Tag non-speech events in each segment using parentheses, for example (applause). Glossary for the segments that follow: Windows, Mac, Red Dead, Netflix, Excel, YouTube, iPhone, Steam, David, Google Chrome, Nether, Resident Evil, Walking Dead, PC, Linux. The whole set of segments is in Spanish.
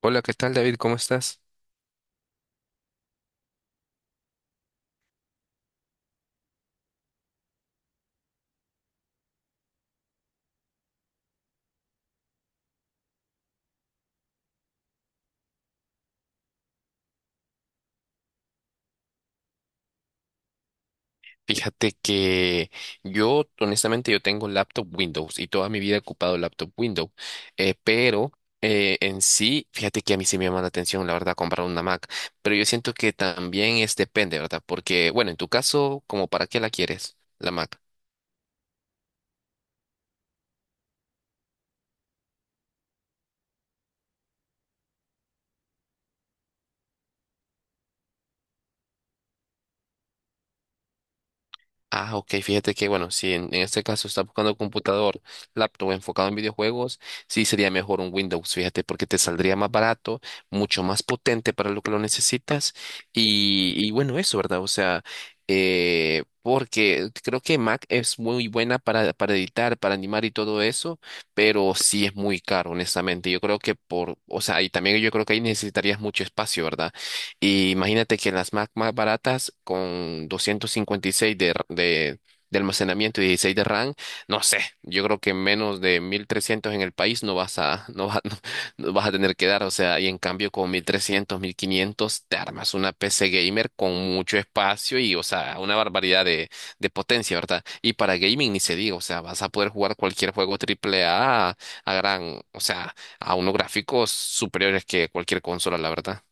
Hola, ¿qué tal, David? ¿Cómo estás? Fíjate que yo, honestamente, yo tengo laptop Windows y toda mi vida he ocupado laptop Windows. Eh, pero en sí, fíjate que a mí sí me llama la atención, la verdad, comprar una Mac, pero yo siento que también es depende, ¿verdad? Porque, bueno, en tu caso, ¿como para qué la quieres, la Mac? Ah, ok, fíjate que bueno, si en este caso estás buscando computador, laptop enfocado en videojuegos, sí sería mejor un Windows, fíjate, porque te saldría más barato, mucho más potente para lo que lo necesitas y bueno, eso, ¿verdad? O sea, porque creo que Mac es muy buena para editar, para animar y todo eso, pero sí es muy caro, honestamente. Yo creo que por, o sea, y también yo creo que ahí necesitarías mucho espacio, ¿verdad? Y imagínate que las Mac más baratas con 256 de almacenamiento y 16 de RAM, no sé, yo creo que menos de 1300 en el país no vas a, no vas, (laughs) no vas a tener que dar. O sea, y en cambio con 1300 1500 te armas una PC gamer con mucho espacio y, o sea, una barbaridad de potencia, ¿verdad? Y para gaming ni se diga, o sea, vas a poder jugar cualquier juego triple A a gran, o sea, a unos gráficos superiores que cualquier consola, la verdad.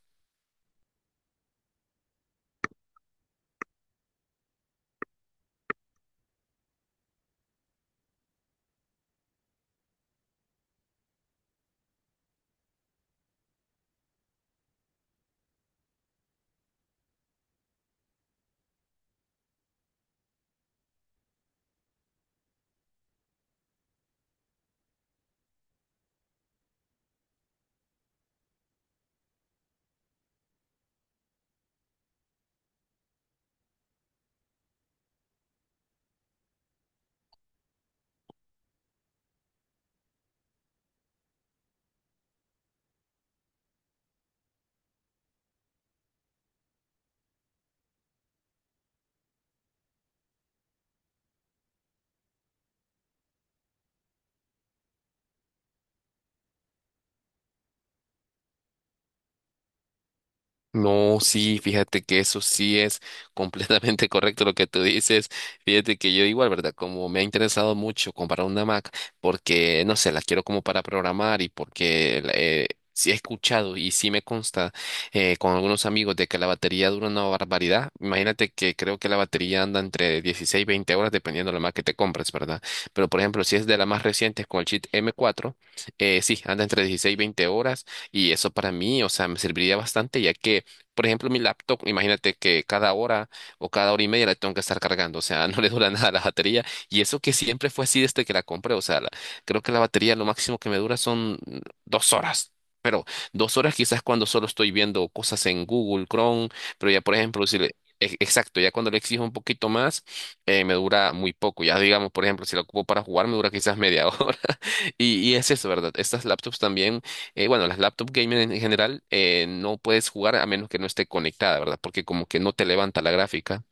No, sí, fíjate que eso sí es completamente (laughs) correcto lo que tú dices. Fíjate que yo igual, ¿verdad? Como me ha interesado mucho comprar una Mac porque, no sé, la quiero como para programar y porque sí he escuchado y sí me consta con algunos amigos de que la batería dura una barbaridad. Imagínate que creo que la batería anda entre 16 y 20 horas dependiendo de la Mac que te compres, ¿verdad? Pero, por ejemplo, si es de las más recientes con el chip m cuatro, sí, anda entre 16 y 20 horas y eso para mí, o sea, me serviría bastante ya que por ejemplo, mi laptop, imagínate que cada hora o cada hora y media la tengo que estar cargando, o sea, (laughs) no le dura nada la batería. Y eso que siempre fue así desde que la compré, o sea, la- creo que la batería lo máximo que me dura son 2 horas. Pero 2 horas quizás cuando solo estoy viendo cosas en Google, Chrome, pero ya por ejemplo, si le, e- exacto, ya cuando le exijo un poquito más, me dura muy poco. Ya digamos, por ejemplo, si la ocupo para jugar, me dura quizás media (laughs) hora. Y es eso, ¿verdad? Estas laptops también bueno, las laptop gamer en general, no puedes jugar a menos que no esté conectada, ¿verdad? Porque como que no te levanta la gráfica.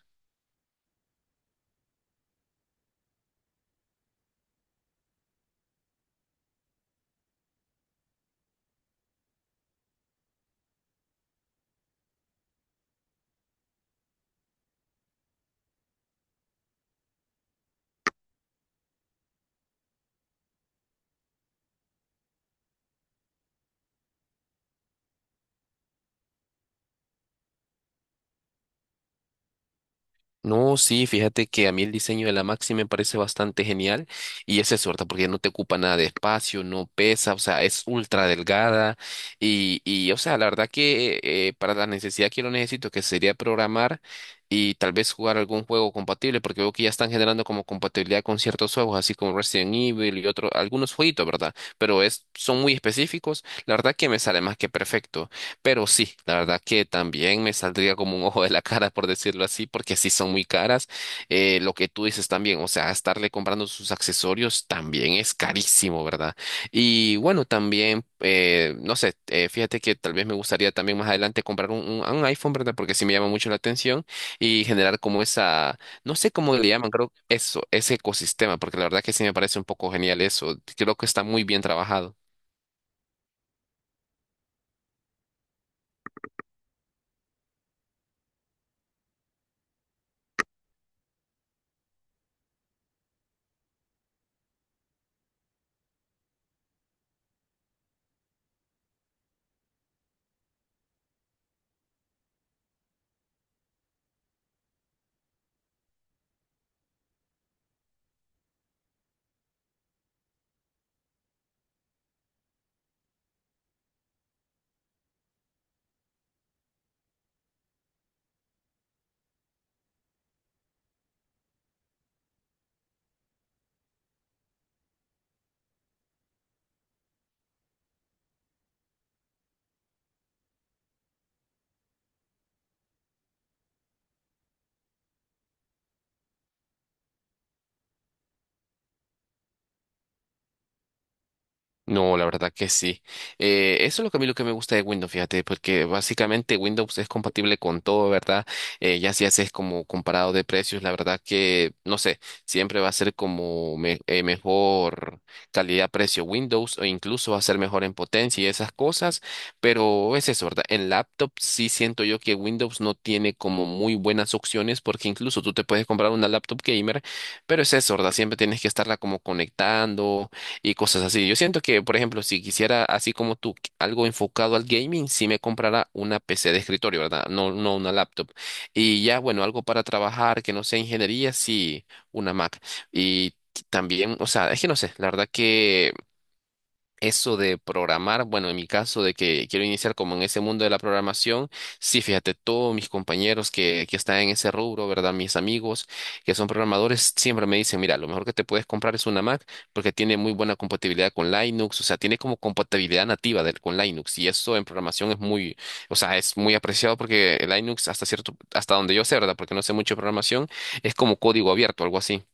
No, sí, fíjate que a mí el diseño de la Maxi me parece bastante genial y esa es suerte porque no te ocupa nada de espacio, no pesa, o sea, es ultra delgada y o sea, la verdad que para la necesidad que lo necesito, que sería programar y tal vez jugar algún juego compatible, porque veo que ya están generando como compatibilidad con ciertos juegos, así como Resident Evil y otros, algunos jueguitos, ¿verdad? Pero es, son muy específicos, la verdad que me sale más que perfecto. Pero sí, la verdad que también me saldría como un ojo de la cara, por decirlo así, porque sí son muy caras. Lo que tú dices también, o sea, estarle comprando sus accesorios también es carísimo, ¿verdad? Y bueno, también, no sé, fíjate que tal vez me gustaría también más adelante comprar un iPhone, ¿verdad? Porque sí me llama mucho la atención y generar como esa, no sé cómo le llaman, creo eso, ese ecosistema, porque la verdad que sí me parece un poco genial eso. Creo que está muy bien trabajado. No, la verdad que sí. Eso es lo que a mí lo que me gusta de Windows, fíjate, porque básicamente Windows es compatible con todo, ¿verdad? Ya si haces como comparado de precios, la verdad que, no sé, siempre va a ser como mejor calidad-precio Windows o incluso va a ser mejor en potencia y esas cosas, pero es eso, ¿verdad? En laptop sí siento yo que Windows no tiene como muy buenas opciones porque incluso tú te puedes comprar una laptop gamer, pero es eso, ¿verdad? Siempre tienes que estarla como conectando y cosas así. Yo siento que, por ejemplo, si quisiera, así como tú, qu- algo enfocado al gaming, sí me comprara una PC de escritorio, ¿verdad? No, no una laptop. Y ya, bueno, algo para trabajar que no sea ingeniería, sí, una Mac. Y también, o sea, es que no sé, la verdad que eso de programar, bueno, en mi caso de que quiero iniciar como en ese mundo de la programación, sí, fíjate, todos mis compañeros que están en ese rubro, ¿verdad? Mis amigos que son programadores siempre me dicen, mira, lo mejor que te puedes comprar es una Mac porque tiene muy buena compatibilidad con Linux, o sea, tiene como compatibilidad nativa del, con Linux y eso en programación es muy, o sea, es muy apreciado porque el Linux hasta cierto, hasta donde yo sé, ¿verdad? Porque no sé mucho de programación, es como código abierto, algo así.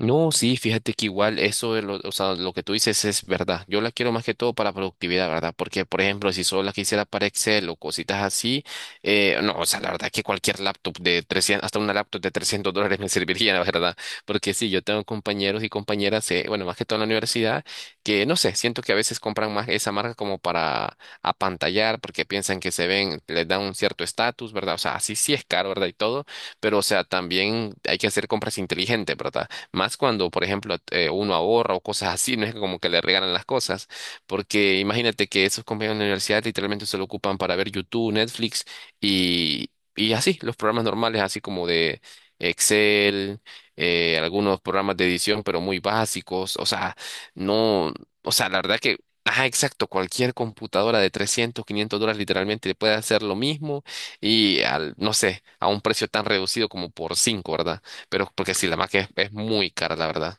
No, sí, fíjate que igual eso, de lo, o sea, lo que tú dices es verdad. Yo la quiero más que todo para productividad, ¿verdad? Porque, por ejemplo, si solo la quisiera para Excel o cositas así, no, o sea, la verdad que cualquier laptop de 300, hasta una laptop de $300 me (laughs) serviría, la verdad. Porque sí, yo tengo compañeros y compañeras, bueno, más que todo en la universidad, que no sé, siento que a veces compran más esa marca como para apantallar, porque piensan que se ven, les dan un cierto estatus, ¿verdad? O sea, así sí es caro, ¿verdad? Y todo, pero, o sea, también hay que hacer compras inteligentes, ¿verdad? Más cuando, por ejemplo, uno ahorra o cosas así, no es que como que le regalan las cosas, porque imagínate que esos compañeros de la universidad literalmente se lo ocupan para ver YouTube, Netflix y, y así, los programas normales, así como de Excel, algunos programas de edición, pero muy básicos, o sea, no, o sea, la verdad que... Ajá, exacto. Cualquier computadora de 300, $500 literalmente puede hacer lo mismo y al, no sé, a un precio tan reducido como por cinco, ¿verdad? Pero porque sí, la Mac es muy cara, la verdad.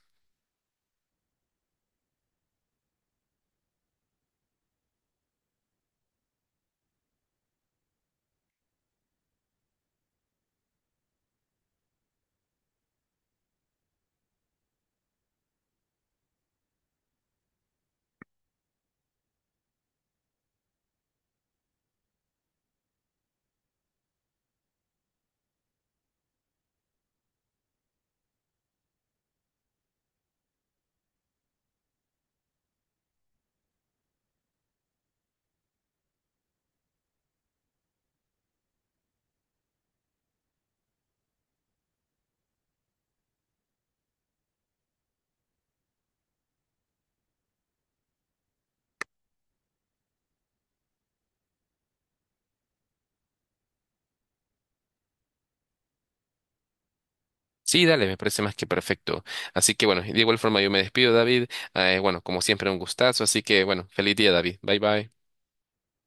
Sí, dale, me parece más que perfecto. Así que bueno, de igual forma yo me despido, David. Bueno, como siempre, un gustazo. Así que bueno, feliz día, David. Bye bye.